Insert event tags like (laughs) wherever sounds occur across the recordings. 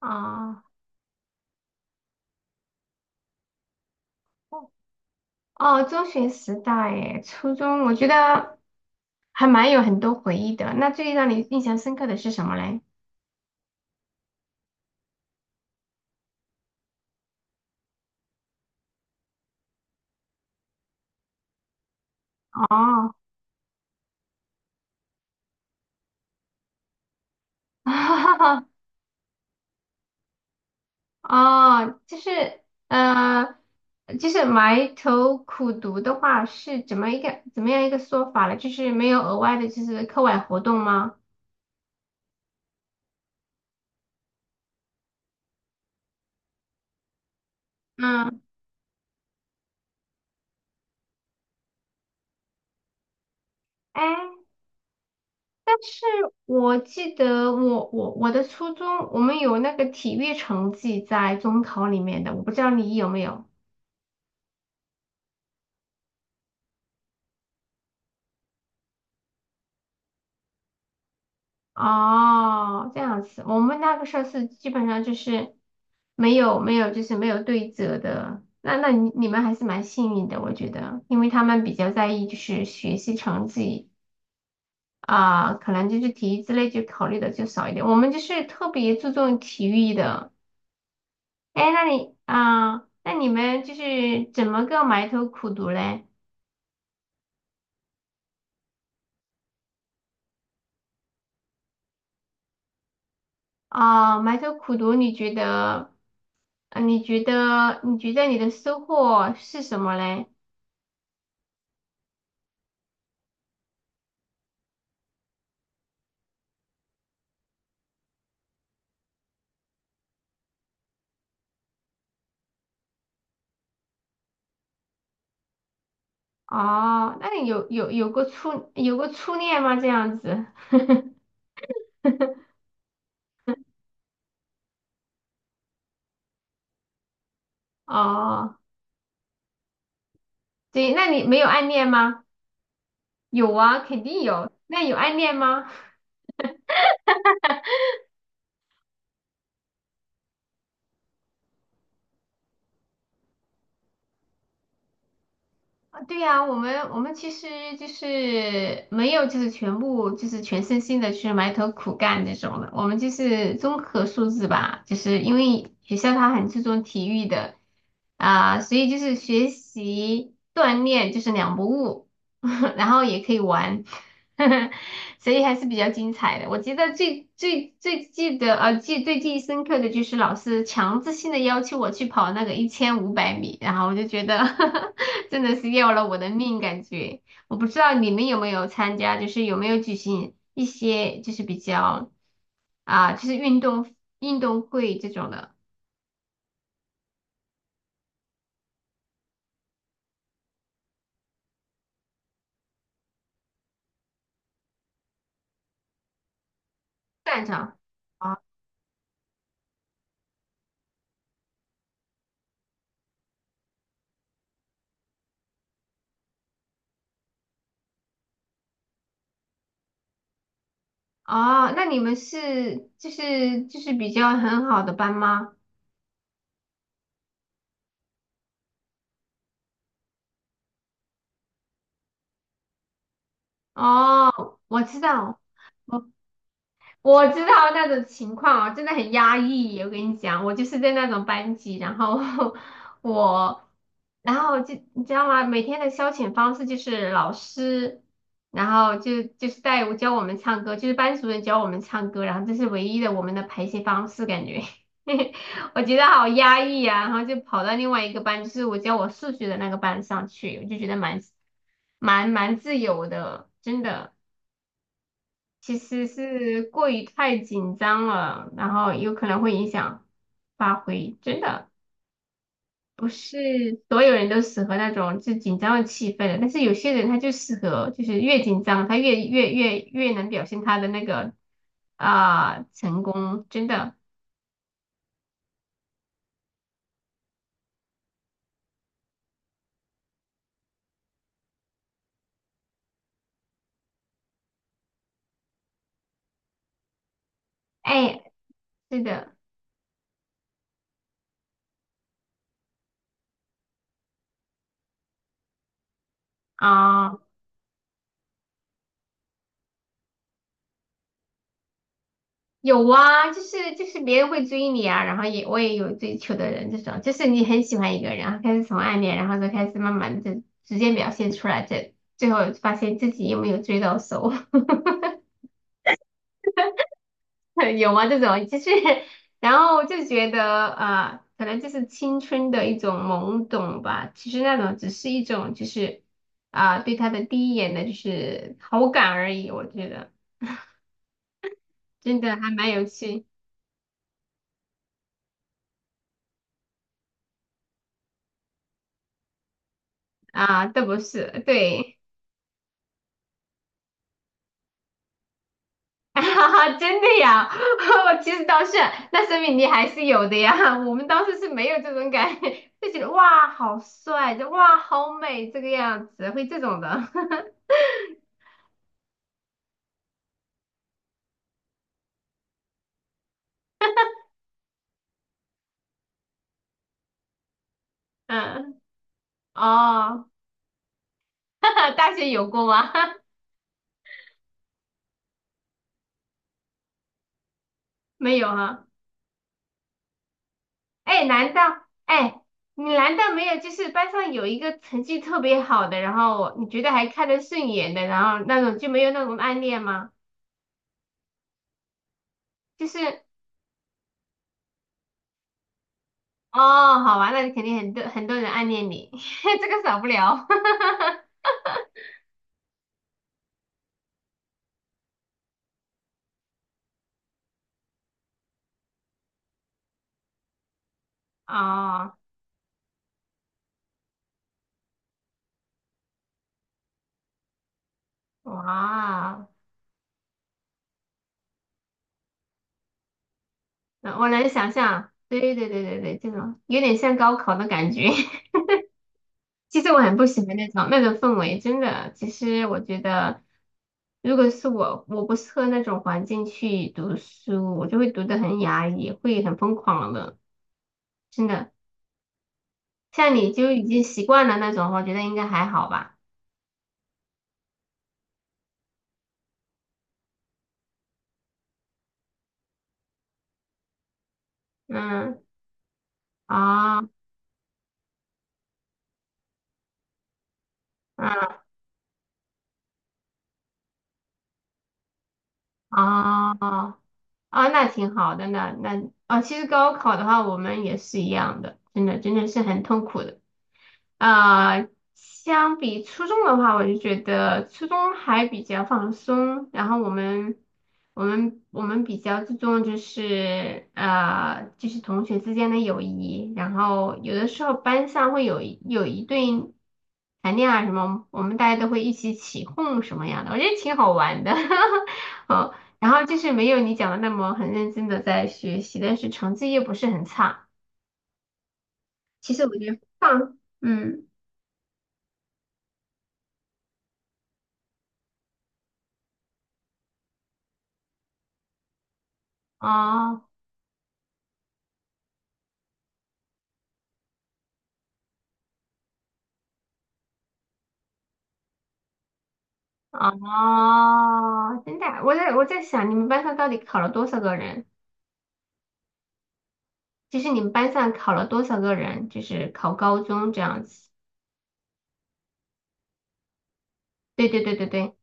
啊，哦，哦，中学时代，诶，初中，我觉得还蛮有很多回忆的。那最让你印象深刻的是什么嘞？哦，(laughs) 哦，就是，呃，就是埋头苦读的话，是怎么样一个说法呢？就是没有额外的，就是课外活动吗？嗯，哎，但是我记得我的初中，我们有那个体育成绩在中考里面的，我不知道你有没有。哦，这样子，我们那个时候是基本上就是没有对折的，那你们还是蛮幸运的，我觉得，因为他们比较在意就是学习成绩啊，可能就是体育之类就考虑的就少一点，我们就是特别注重体育的。哎，那你们就是怎么个埋头苦读嘞？啊，埋头苦读，你觉得，你觉得你的收获是什么嘞？哦，那你有过初恋吗？这样子，哦，对，那你没有暗恋吗？有啊，肯定有。那有暗恋吗？啊对呀，我们其实就是没有，就是全部就是全身心的去埋头苦干这种的。我们就是综合素质吧，就是因为学校它很注重体育的啊，所以就是学习锻炼就是两不误，(laughs) 然后也可以玩。(laughs) 所以还是比较精彩的。我觉得最记忆深刻的就是老师强制性的要求我去跑那个1500米，然后我就觉得 (laughs) 真的是要了我的命感觉。我不知道你们有没有参加，就是有没有举行一些就是比较就是运动会这种的战场啊。哦，那你们是就是比较很好的班吗？哦，我知道。我。我知道那种情况啊，真的很压抑。我跟你讲，我就是在那种班级，然后 (laughs) 我，然后就你知道吗？每天的消遣方式就是老师，然后就是带我教我们唱歌，就是班主任教我们唱歌，然后这是唯一的我们的排泄方式，感觉 (laughs) 我觉得好压抑啊。然后就跑到另外一个班，就是我教我数学的那个班上去，我就觉得蛮自由的，真的。其实是过于太紧张了，然后有可能会影响发挥。真的不是所有人都适合那种就紧张的气氛的，但是有些人他就适合，就是越紧张他越能表现他的那个啊、成功。真的，哎，是的啊。有啊，就是就是别人会追你啊，然后也我也有追求的人，这种就是你很喜欢一个人，然后开始从暗恋，然后再开始慢慢的直接表现出来，这最后发现自己有没有追到手，(laughs) 有吗？这种就是，然后就觉得啊，可能就是青春的一种懵懂吧，其实那种只是一种就是啊、对他的第一眼的就是好感而已，我觉得真的还蛮有趣啊，都不是对。(laughs) 哈哈，真的呀，(laughs) 我其实倒是，那说明你还是有的呀。(laughs) 我们当时是没有这种感觉，(laughs) 就觉得哇好帅，就哇好美这个样子，会这种的。(laughs) 嗯，哦，(laughs) 大学有过吗？(laughs) 没有哈。哎，你难道没有就是班上有一个成绩特别好的，然后你觉得还看得顺眼的，然后那种就没有那种暗恋吗？就是。哦，好玩，那肯定很多人暗恋你，(laughs) 这个少不了。(laughs) 哦，哇，我能想象，对对对对对，这种有点像高考的感觉。(laughs) 其实我很不喜欢那种氛围，真的。其实我觉得，如果是我，我不适合那种环境去读书，我就会读得很压抑，会很疯狂的，真的。像你就已经习惯了那种，我觉得应该还好吧。嗯，啊，嗯，啊。啊，那挺好的，那那啊，其实高考的话，我们也是一样的，真的是很痛苦的。啊、相比初中的话，我就觉得初中还比较放松，然后我们比较注重就是就是同学之间的友谊，然后有的时候班上会有一对谈恋爱什么，我们大家都会一起起哄什么样的，我觉得挺好玩的，(laughs) 哦，然后就是没有你讲的那么很认真的在学习，但是成绩又不是很差，其实我觉得放嗯。哦，哦，真的啊，我在想，你们班上到底考了多少个人？就是你们班上考了多少个人？就是考高中这样子。对对对对对。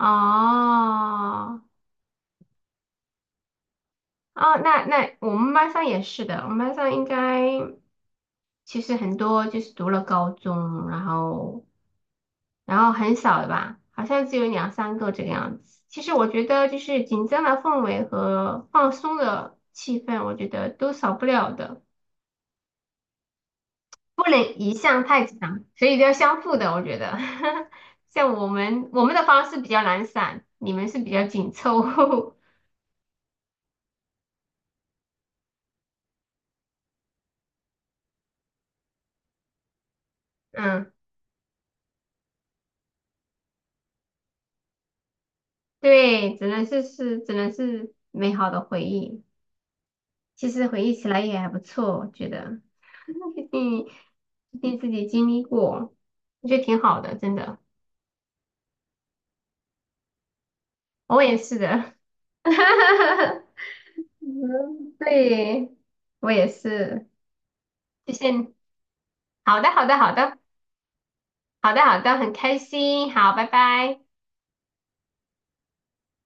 哦，哦，那我们班上也是的，我们班上应该其实很多就是读了高中，然后然后很少的吧，好像只有2、3个这个样子。其实我觉得就是紧张的氛围和放松的气氛，我觉得都少不了的。不能一项太强，所以都要相互的，我觉得。(laughs) 像我们的方式比较懒散，你们是比较紧凑。(laughs) 嗯，对，只能是只能是美好的回忆。其实回忆起来也还不错，我觉得，(laughs) 毕竟毕竟自己经历过，我觉得挺好的，真的。我也是的。(laughs) 嗯，对，我也是。谢谢你。好的，好的，好的，好的，好的，很开心。好，拜拜。